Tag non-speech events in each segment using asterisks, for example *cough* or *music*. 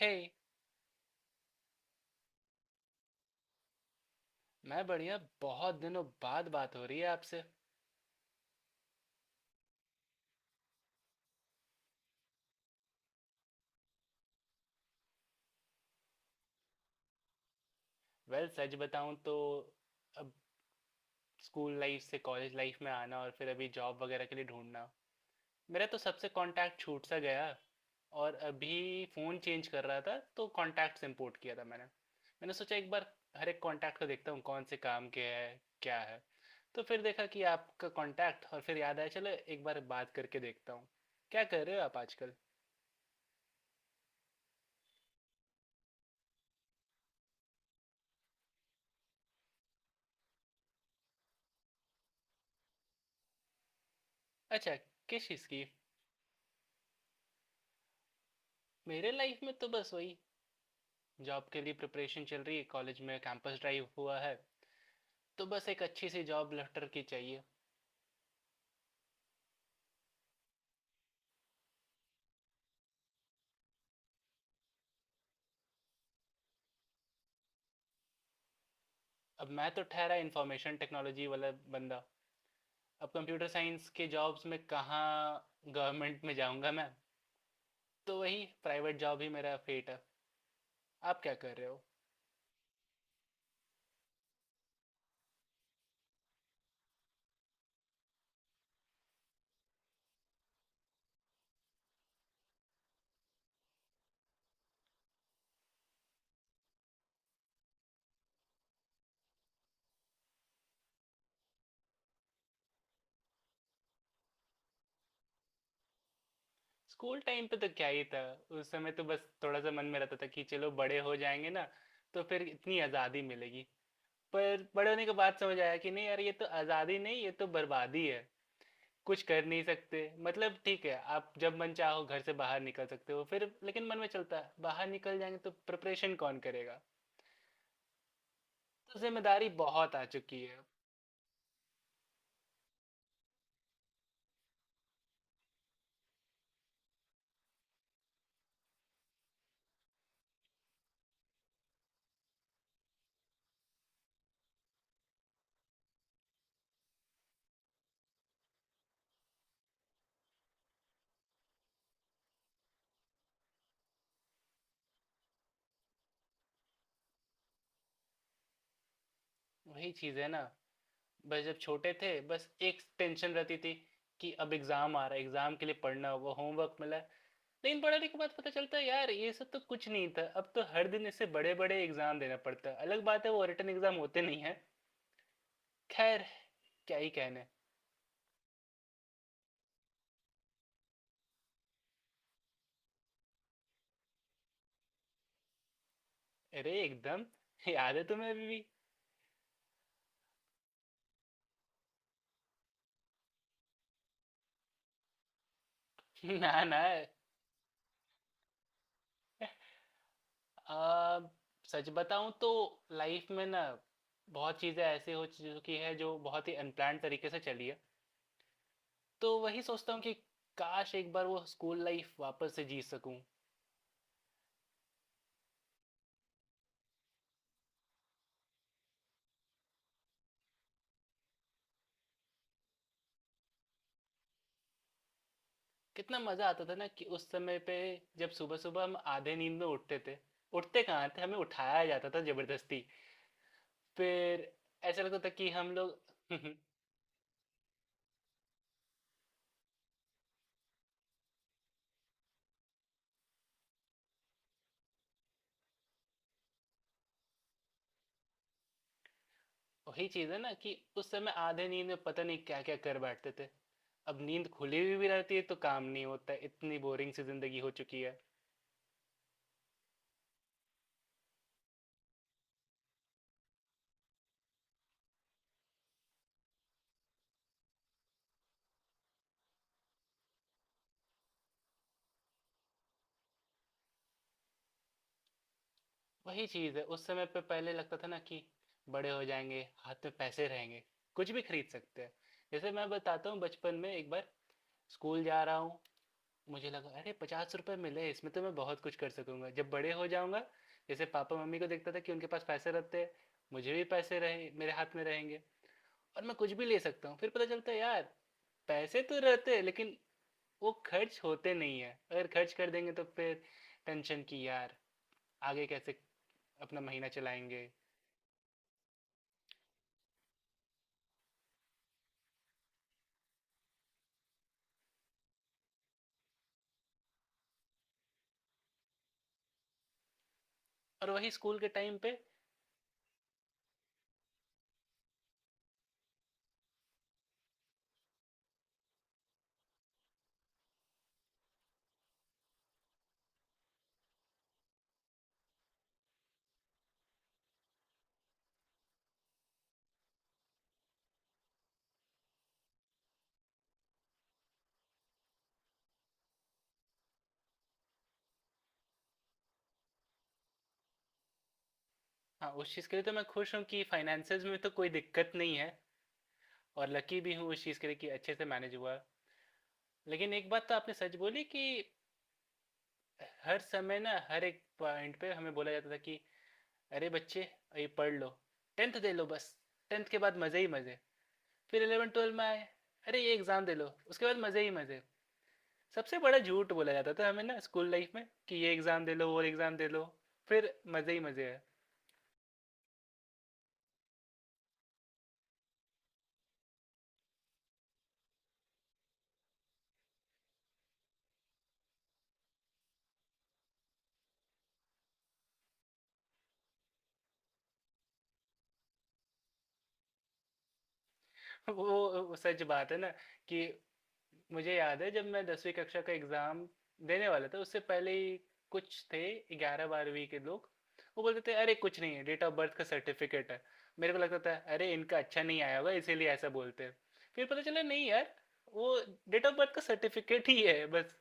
हे hey। मैं बढ़िया, बहुत दिनों बाद बात हो रही है आपसे। वेल well, सच बताऊं तो अब स्कूल लाइफ से कॉलेज लाइफ में आना और फिर अभी जॉब वगैरह के लिए ढूंढना, मेरा तो सबसे कांटेक्ट छूट सा गया। और अभी फ़ोन चेंज कर रहा था तो कांटेक्ट्स इंपोर्ट किया था मैंने मैंने सोचा एक बार हर एक कांटेक्ट को देखता हूँ कौन से काम के है, क्या है। तो फिर देखा कि आपका कांटेक्ट और फिर याद आया, चलो एक बार बात करके देखता हूँ। क्या कर रहे हो आप आजकल। अच्छा, किस चीज़ की। मेरे लाइफ में तो बस वही, जॉब के लिए प्रिपरेशन चल रही है, कॉलेज में कैंपस ड्राइव हुआ है तो बस एक अच्छी सी जॉब लेटर की चाहिए। अब मैं तो ठहरा इंफॉर्मेशन टेक्नोलॉजी वाला बंदा, अब कंप्यूटर साइंस के जॉब्स में कहाँ गवर्नमेंट में जाऊँगा मैं। तो वही प्राइवेट जॉब ही मेरा फेट है। आप क्या कर रहे हो। स्कूल टाइम पे तो क्या ही था। उस समय तो बस थोड़ा सा मन में रहता था कि चलो बड़े हो जाएंगे ना तो फिर इतनी आज़ादी मिलेगी। पर बड़े होने के बाद समझ आया कि नहीं यार, ये तो आज़ादी नहीं, ये तो बर्बादी है। कुछ कर नहीं सकते। मतलब ठीक है, आप जब मन चाहो घर से बाहर निकल सकते हो, फिर लेकिन मन में चलता है बाहर निकल जाएंगे तो प्रिपरेशन कौन करेगा। तो जिम्मेदारी बहुत आ चुकी है। वही चीज है ना, बस जब छोटे थे बस एक टेंशन रहती थी कि अब एग्जाम आ रहा है, एग्जाम के लिए पढ़ना होगा, होमवर्क मिला है। लेकिन पढ़ाने के बाद पता चलता है यार ये सब तो कुछ नहीं था, अब तो हर दिन इससे बड़े बड़े एग्जाम देना पड़ता है। अलग बात है वो रिटन एग्जाम होते नहीं है। खैर, क्या ही कहने। अरे एकदम, याद है तुम्हें अभी भी। *laughs* ना ना। आ, सच बताऊं तो लाइफ में ना, बहुत चीज़ें ऐसी हो चुकी है जो बहुत ही अनप्लान्ड तरीके से चली है। तो वही सोचता हूँ कि काश एक बार वो स्कूल लाइफ वापस से जी सकूं। कितना मज़ा आता था ना कि उस समय पे, जब सुबह सुबह हम आधे नींद में उठते थे। उठते कहाँ थे, हमें उठाया जाता था जबरदस्ती। फिर ऐसा लगता था कि हम लोग *laughs* वही चीज है ना, कि उस समय आधे नींद में पता नहीं क्या क्या कर बैठते थे। अब नींद खुली हुई भी रहती है तो काम नहीं होता है, इतनी बोरिंग सी जिंदगी हो चुकी है। वही चीज है, उस समय पे पहले लगता था ना कि बड़े हो जाएंगे, हाथ में पैसे रहेंगे, कुछ भी खरीद सकते हैं। जैसे मैं बताता हूँ, बचपन में एक बार स्कूल जा रहा हूँ, मुझे लगा अरे पचास रुपए मिले, इसमें तो मैं बहुत कुछ कर सकूंगा जब बड़े हो जाऊंगा। जैसे पापा मम्मी को देखता था कि उनके पास पैसे रहते हैं, मुझे भी पैसे रहे, मेरे हाथ में रहेंगे और मैं कुछ भी ले सकता हूँ। फिर पता चलता है यार, पैसे तो रहते हैं लेकिन वो खर्च होते नहीं है। अगर खर्च कर देंगे तो फिर टेंशन की यार, आगे कैसे अपना महीना चलाएंगे। और वही स्कूल के टाइम पे, हाँ, उस चीज़ के लिए तो मैं खुश हूँ कि फाइनेंसेस में तो कोई दिक्कत नहीं है, और लकी भी हूँ उस चीज़ के लिए कि अच्छे से मैनेज हुआ। लेकिन एक बात तो आपने सच बोली कि हर समय ना, हर एक पॉइंट पे हमें बोला जाता था कि अरे बच्चे, ये पढ़ लो, टेंथ दे लो बस, टेंथ के बाद मज़े ही मज़े। फिर इलेवन ट्वेल्व में आए, अरे ये एग्ज़ाम दे लो, उसके बाद मज़े ही मज़े। सबसे बड़ा झूठ बोला जाता था हमें ना स्कूल लाइफ में, कि ये एग्ज़ाम दे लो, वो एग्ज़ाम दे लो, फिर मज़े ही मज़े है। वो वो सच बात है ना, कि मुझे याद है जब मैं दसवीं कक्षा का एग्ज़ाम देने वाला था, उससे पहले ही कुछ थे ग्यारह बारहवीं के लोग। वो बोलते थे अरे कुछ नहीं है, डेट ऑफ बर्थ का सर्टिफिकेट है। मेरे को लगता था अरे इनका अच्छा नहीं आया होगा इसीलिए ऐसा बोलते हैं। फिर पता चला नहीं यार, वो डेट ऑफ बर्थ का सर्टिफिकेट ही है बस।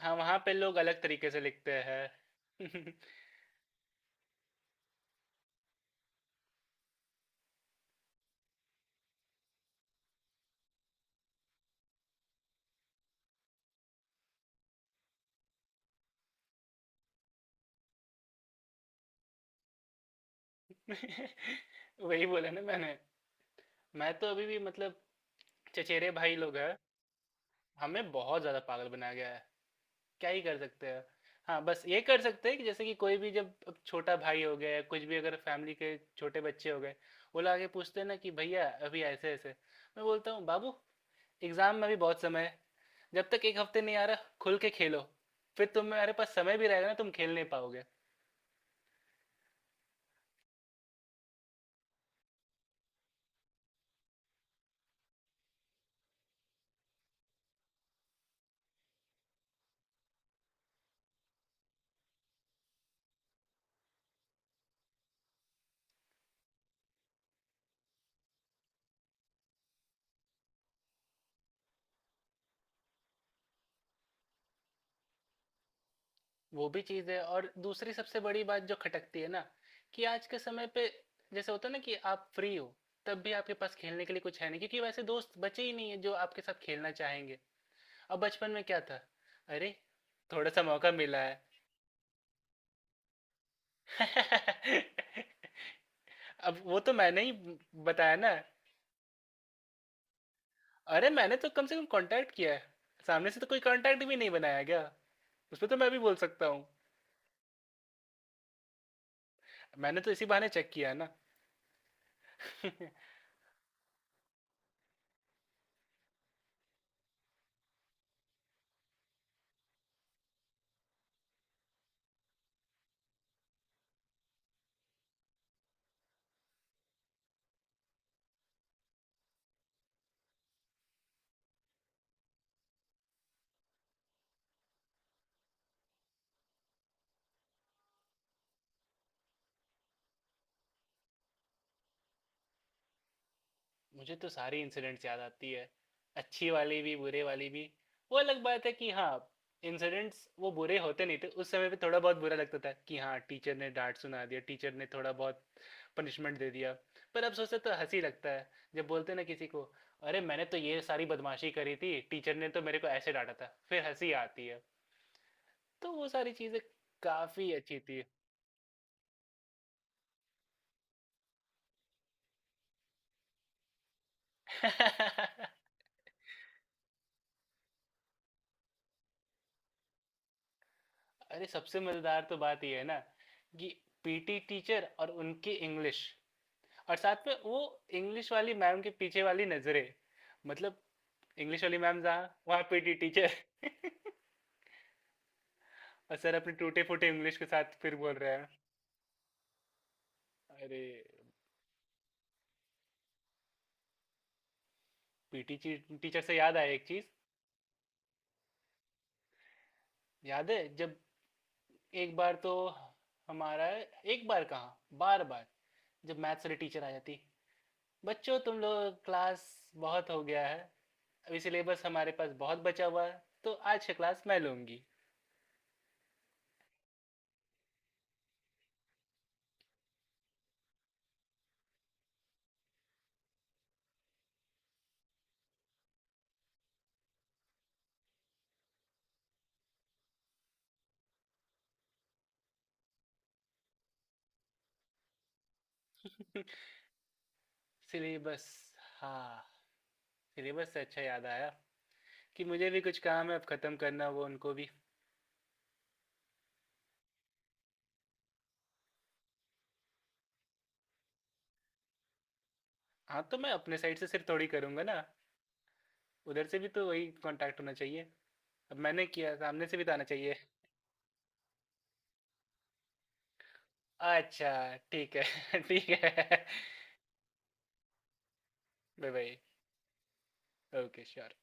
हाँ, वहाँ पे लोग अलग तरीके से लिखते हैं। *laughs* वही बोला ना मैंने। मैं तो अभी भी, मतलब चचेरे भाई लोग हैं, हमें बहुत ज़्यादा पागल बनाया गया है। क्या ही कर सकते हैं। हाँ, बस ये कर सकते हैं कि जैसे कि कोई भी, जब अब छोटा भाई हो गया या कुछ भी, अगर फैमिली के छोटे बच्चे हो गए, वो लोग आके पूछते हैं ना कि भैया अभी ऐसे-ऐसे। मैं बोलता हूँ बाबू, एग्ज़ाम में भी बहुत समय है। जब तक एक हफ्ते नहीं आ रहा, खुल के खेलो। फिर तुम्हारे पास समय भी रहेगा ना, तुम खेल नहीं पाओगे। वो भी चीज़ है, और दूसरी सबसे बड़ी बात जो खटकती है ना, कि आज के समय पे जैसे होता है ना कि आप फ्री हो, तब भी आपके पास खेलने के लिए कुछ है नहीं, क्योंकि वैसे दोस्त बचे ही नहीं है जो आपके साथ खेलना चाहेंगे। अब बचपन में क्या था। अरे, थोड़ा सा मौका मिला है। *laughs* अब वो तो मैंने ही बताया ना। अरे मैंने तो कम से कम कांटेक्ट किया है, सामने से तो कोई कांटेक्ट भी नहीं बनाया गया, उस पर तो मैं भी बोल सकता हूँ। मैंने तो इसी बहाने चेक किया है ना। *laughs* मुझे तो सारी इंसिडेंट्स याद आती है, अच्छी वाली भी बुरे वाली भी। वो अलग बात है कि हाँ, इंसिडेंट्स वो बुरे होते नहीं थे उस समय पे, थोड़ा बहुत बुरा लगता था कि हाँ टीचर ने डांट सुना दिया, टीचर ने थोड़ा बहुत पनिशमेंट दे दिया, पर अब सोचते तो हंसी लगता है। जब बोलते हैं ना किसी को, अरे मैंने तो ये सारी बदमाशी करी थी, टीचर ने तो मेरे को ऐसे डांटा था, फिर हंसी आती है। तो वो सारी चीज़ें काफ़ी अच्छी थी। *laughs* अरे सबसे मजेदार तो बात ये है ना, कि पीटी टीचर और उनकी इंग्लिश, और साथ में वो इंग्लिश वाली मैम के पीछे वाली नजरें। मतलब इंग्लिश वाली मैम जहाँ, वहाँ पीटी टीचर। *laughs* और सर अपने टूटे फूटे इंग्लिश के साथ फिर बोल रहे हैं। अरे पीटी टीचर से याद आया एक चीज, याद है जब एक बार तो हमारा, एक बार कहाँ, बार बार, जब मैथ्स वाली टीचर आ जाती, बच्चों तुम लोग क्लास, बहुत हो गया है, अभी सिलेबस हमारे पास बहुत बचा हुआ है तो आज की क्लास मैं लूंगी। *laughs* सिलेबस, हाँ, सिलेबस से अच्छा याद आया कि मुझे भी कुछ काम है अब खत्म करना, वो उनको भी। हाँ तो मैं अपने साइड से सिर्फ थोड़ी करूंगा ना, उधर से भी तो वही कांटेक्ट होना चाहिए। अब मैंने किया, सामने से भी तो आना चाहिए। अच्छा, ठीक है। *laughs* ठीक है, बाय बाय। Okay sure.